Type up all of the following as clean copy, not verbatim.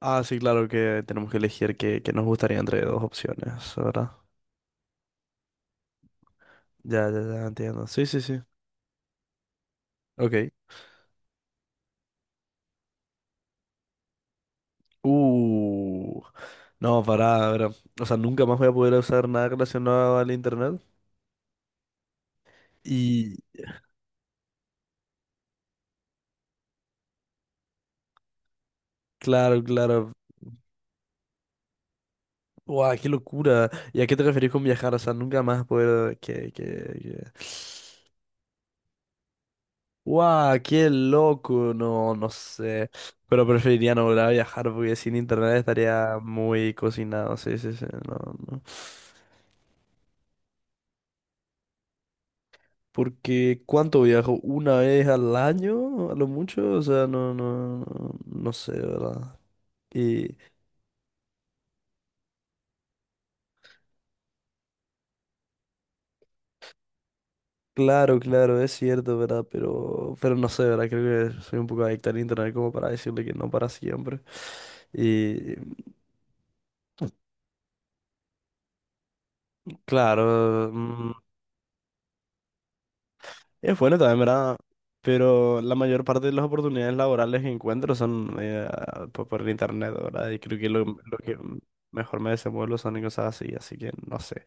Ah, sí, claro que tenemos que elegir qué nos gustaría entre dos opciones, ¿verdad? Ya entiendo. Sí, sí, sí. Ok. Uh. No, pará, ver. O sea, nunca más voy a poder usar nada relacionado al internet. Y claro, claro. Guau, qué locura. ¿Y a qué te referís con viajar? O sea, nunca más poder que... Guau, qué loco. No, no sé. Pero preferiría no volver a viajar porque sin internet estaría muy cocinado. Sí, sí, sí. No, no. Porque ¿cuánto viajo? ¿Una vez al año? A lo mucho, o sea, no, no, no, no sé, ¿verdad? Y claro, claro, es cierto, ¿verdad? Pero no sé, ¿verdad? Creo que soy un poco adicto al internet como para decirle que no para siempre. Y claro, es bueno también, ¿verdad? Pero la mayor parte de las oportunidades laborales que encuentro son por el internet, ¿verdad? Y creo que lo que mejor me desenvuelvo son en cosas así, así que no sé.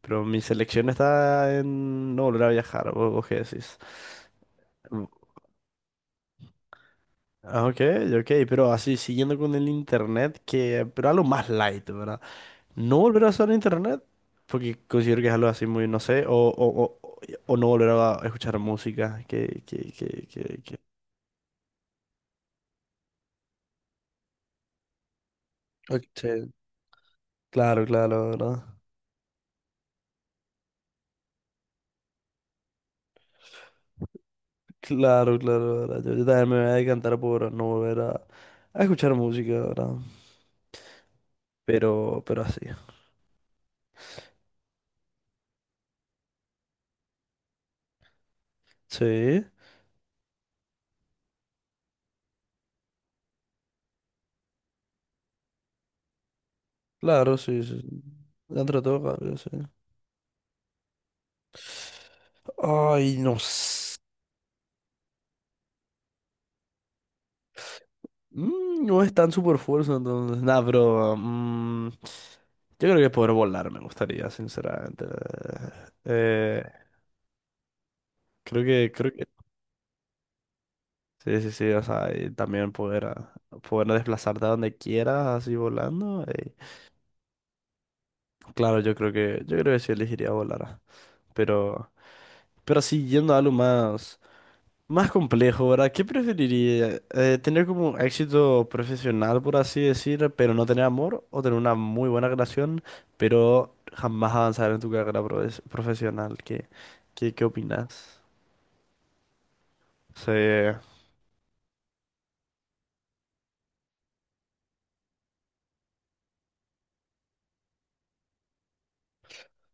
Pero mi selección está en no volver a viajar, ¿ vos qué decís? Mm, Ok, ok, pero así, siguiendo con el internet, que, pero algo más light, ¿verdad? No volver a usar internet, porque considero que es algo así muy, no sé, o no volver a escuchar música, Ok, claro, claro, ¿verdad? Claro, claro, ¿verdad? Yo también me voy a decantar por no volver a escuchar música, ¿verdad? Pero así. Sí. Claro, sí, sí, sí. Dentro de todo, cambia, sí. Ay, no. No es tan super fuerza, entonces. Nada, pero. Yo creo que poder volar me gustaría, sinceramente. Eh, creo que, creo que. Sí, sí, sí. O sea, y también poder, poder desplazarte a donde quieras, así volando. Claro, yo creo que. Yo creo que sí elegiría volar. Ah. Pero. Pero sí, yendo a algo más. Más complejo, ¿verdad? ¿Qué preferiría? ¿Tener como un éxito profesional, por así decir, pero no tener amor? ¿O tener una muy buena relación, pero jamás avanzar en tu carrera profesional? ¿ qué opinas? Sí.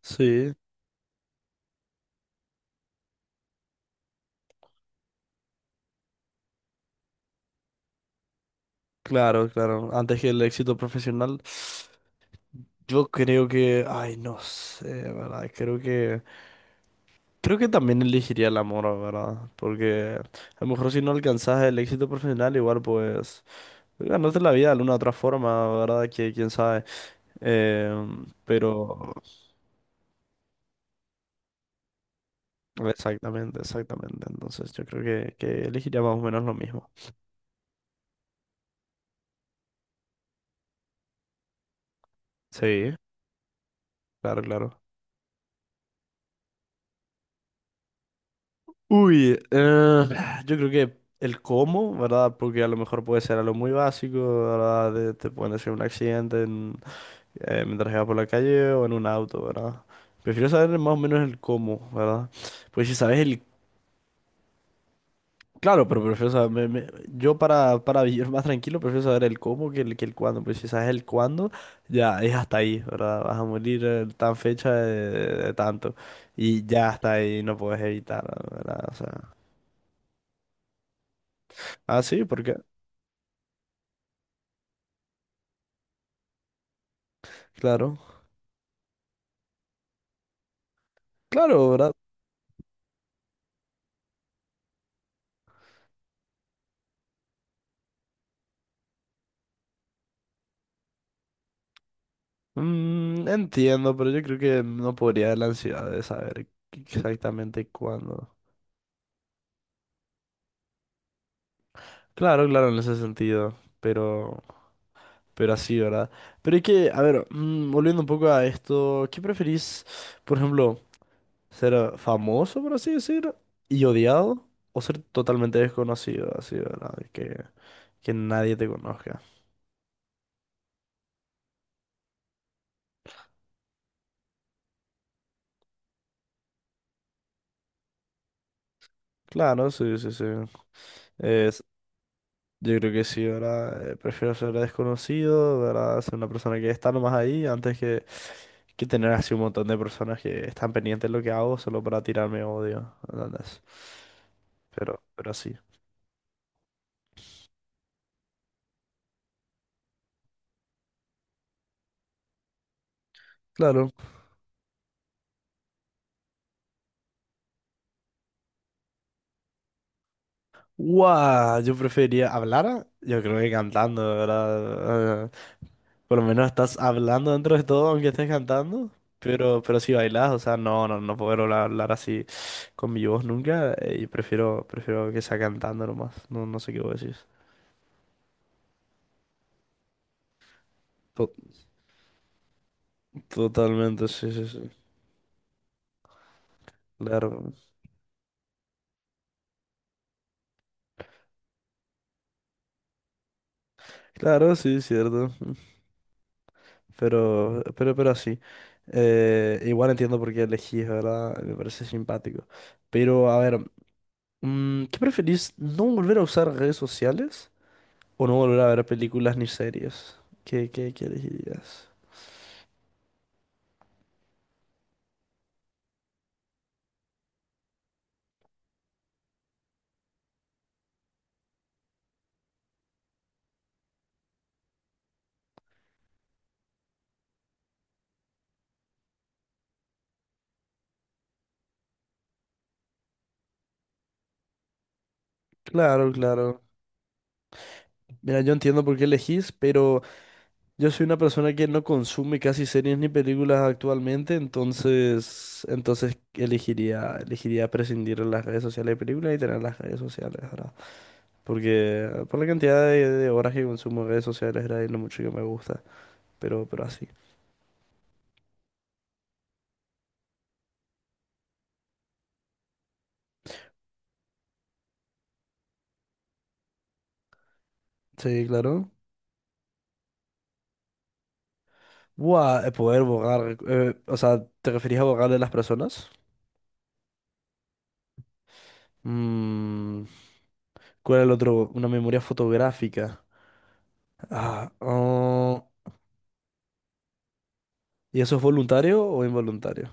Sí, claro, claro. Antes que el éxito profesional, yo creo que, ay, no sé, ¿verdad? Creo que también elegiría el amor, ¿verdad? Porque a lo mejor si no alcanzas el éxito profesional, igual pues... Ganarte la vida de alguna otra forma, ¿verdad? Que quién sabe. Eh, pero exactamente, exactamente. Entonces yo creo que elegiría más o menos lo mismo. Sí, claro, claro. Uy, eh, yo creo que el cómo, ¿verdad? Porque a lo mejor puede ser algo muy básico, ¿verdad? Te pueden hacer un accidente mientras vas por la calle o en un auto, ¿verdad? Prefiero saber más o menos el cómo, ¿verdad? Pues si sabes el claro, pero prefiero saber, yo para vivir más tranquilo prefiero saber el cómo que el cuándo, pues si sabes el cuándo, ya es hasta ahí, ¿verdad? Vas a morir tan fecha de tanto y ya hasta ahí no puedes evitar, ¿verdad? O sea, sí, porque, claro, claro, ¿verdad? Mm, entiendo, pero yo creo que no podría de la ansiedad de saber exactamente cuándo. Claro, claro, en ese sentido, pero... Pero así, ¿verdad? A ver, volviendo un poco a esto, ¿qué preferís, por ejemplo, ser famoso, por así decir, y odiado, o ser totalmente desconocido, así, ¿verdad? ¿ que nadie te conozca? Claro, sí, sí, sí. Es, yo creo que sí, ¿verdad? Prefiero ser desconocido, ¿verdad? Ser una persona que está nomás ahí, que tener así un montón de personas que están pendientes de lo que hago solo para tirarme odio, ¿entendés? Pero sí. Claro. Guau, yo preferiría hablar, yo creo que cantando, ¿verdad? Por lo menos estás hablando dentro de todo, aunque estés cantando, pero si bailas, o sea, no, no, no puedo hablar, hablar así con mi voz nunca, y prefiero, prefiero que sea cantando nomás, no, no sé qué vos decís. To- Totalmente, sí, sí, sí, claro, claro, sí, cierto, pero así. Igual entiendo por qué elegís, ¿verdad? Me parece simpático. Pero, a ver, ¿qué preferís? ¿No volver a usar redes sociales o no volver a ver películas ni series? ¿ qué elegirías? Claro, claro. Mira, yo entiendo por qué elegís, pero yo soy una persona que no consume casi series ni películas actualmente, entonces elegiría, elegiría prescindir de las redes sociales de películas y tener las redes sociales, ¿verdad? Porque por la cantidad de horas que consumo en redes sociales, ¿verdad? Y lo mucho que me gusta, pero así. Sí, claro. Poder borrar. O sea, ¿te referís a borrar de las personas? Mm, ¿cuál es el otro? Una memoria fotográfica. Ah, oh, ¿Y eso es voluntario o involuntario?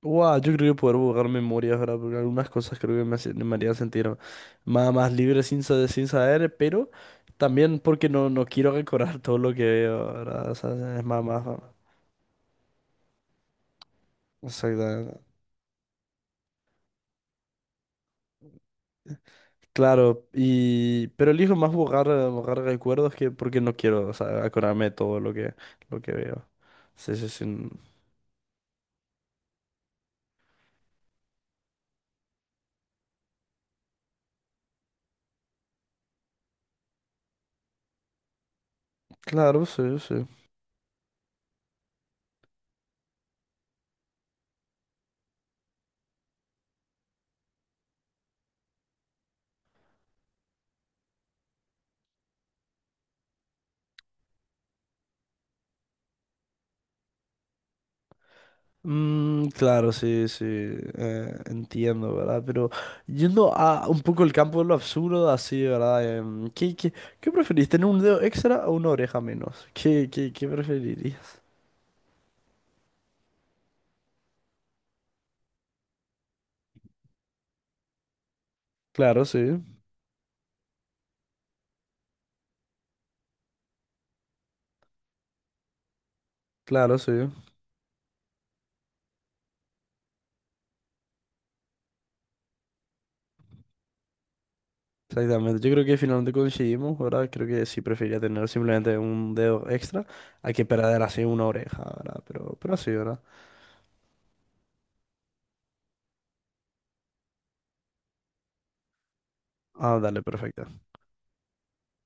Buah, yo creo que poder borrar memorias, ¿verdad? Porque algunas cosas creo que me harían sentir más, más libre sin, sin saber, pero también porque no, no quiero recordar todo lo que veo, ¿verdad? O sea, es más, Exactamente. Claro, y pero elijo más borrar, borrar recuerdos que porque no quiero, o sea, acordarme de todo lo que veo. Sí, sí, sí. Claro, sí, sí. Mm, claro, sí, sí. Entiendo, ¿verdad? Pero yendo a un poco el campo de lo absurdo, así, ¿verdad? ¿ Qué preferís? ¿Tener un dedo extra o una oreja menos? ¿ qué preferirías? Claro, sí. Claro, sí. Exactamente, yo creo que finalmente coincidimos, ¿verdad? Creo que sí preferiría tener simplemente un dedo extra a que perder así una oreja, ¿verdad? Pero así, ¿verdad? Ah, dale, perfecto.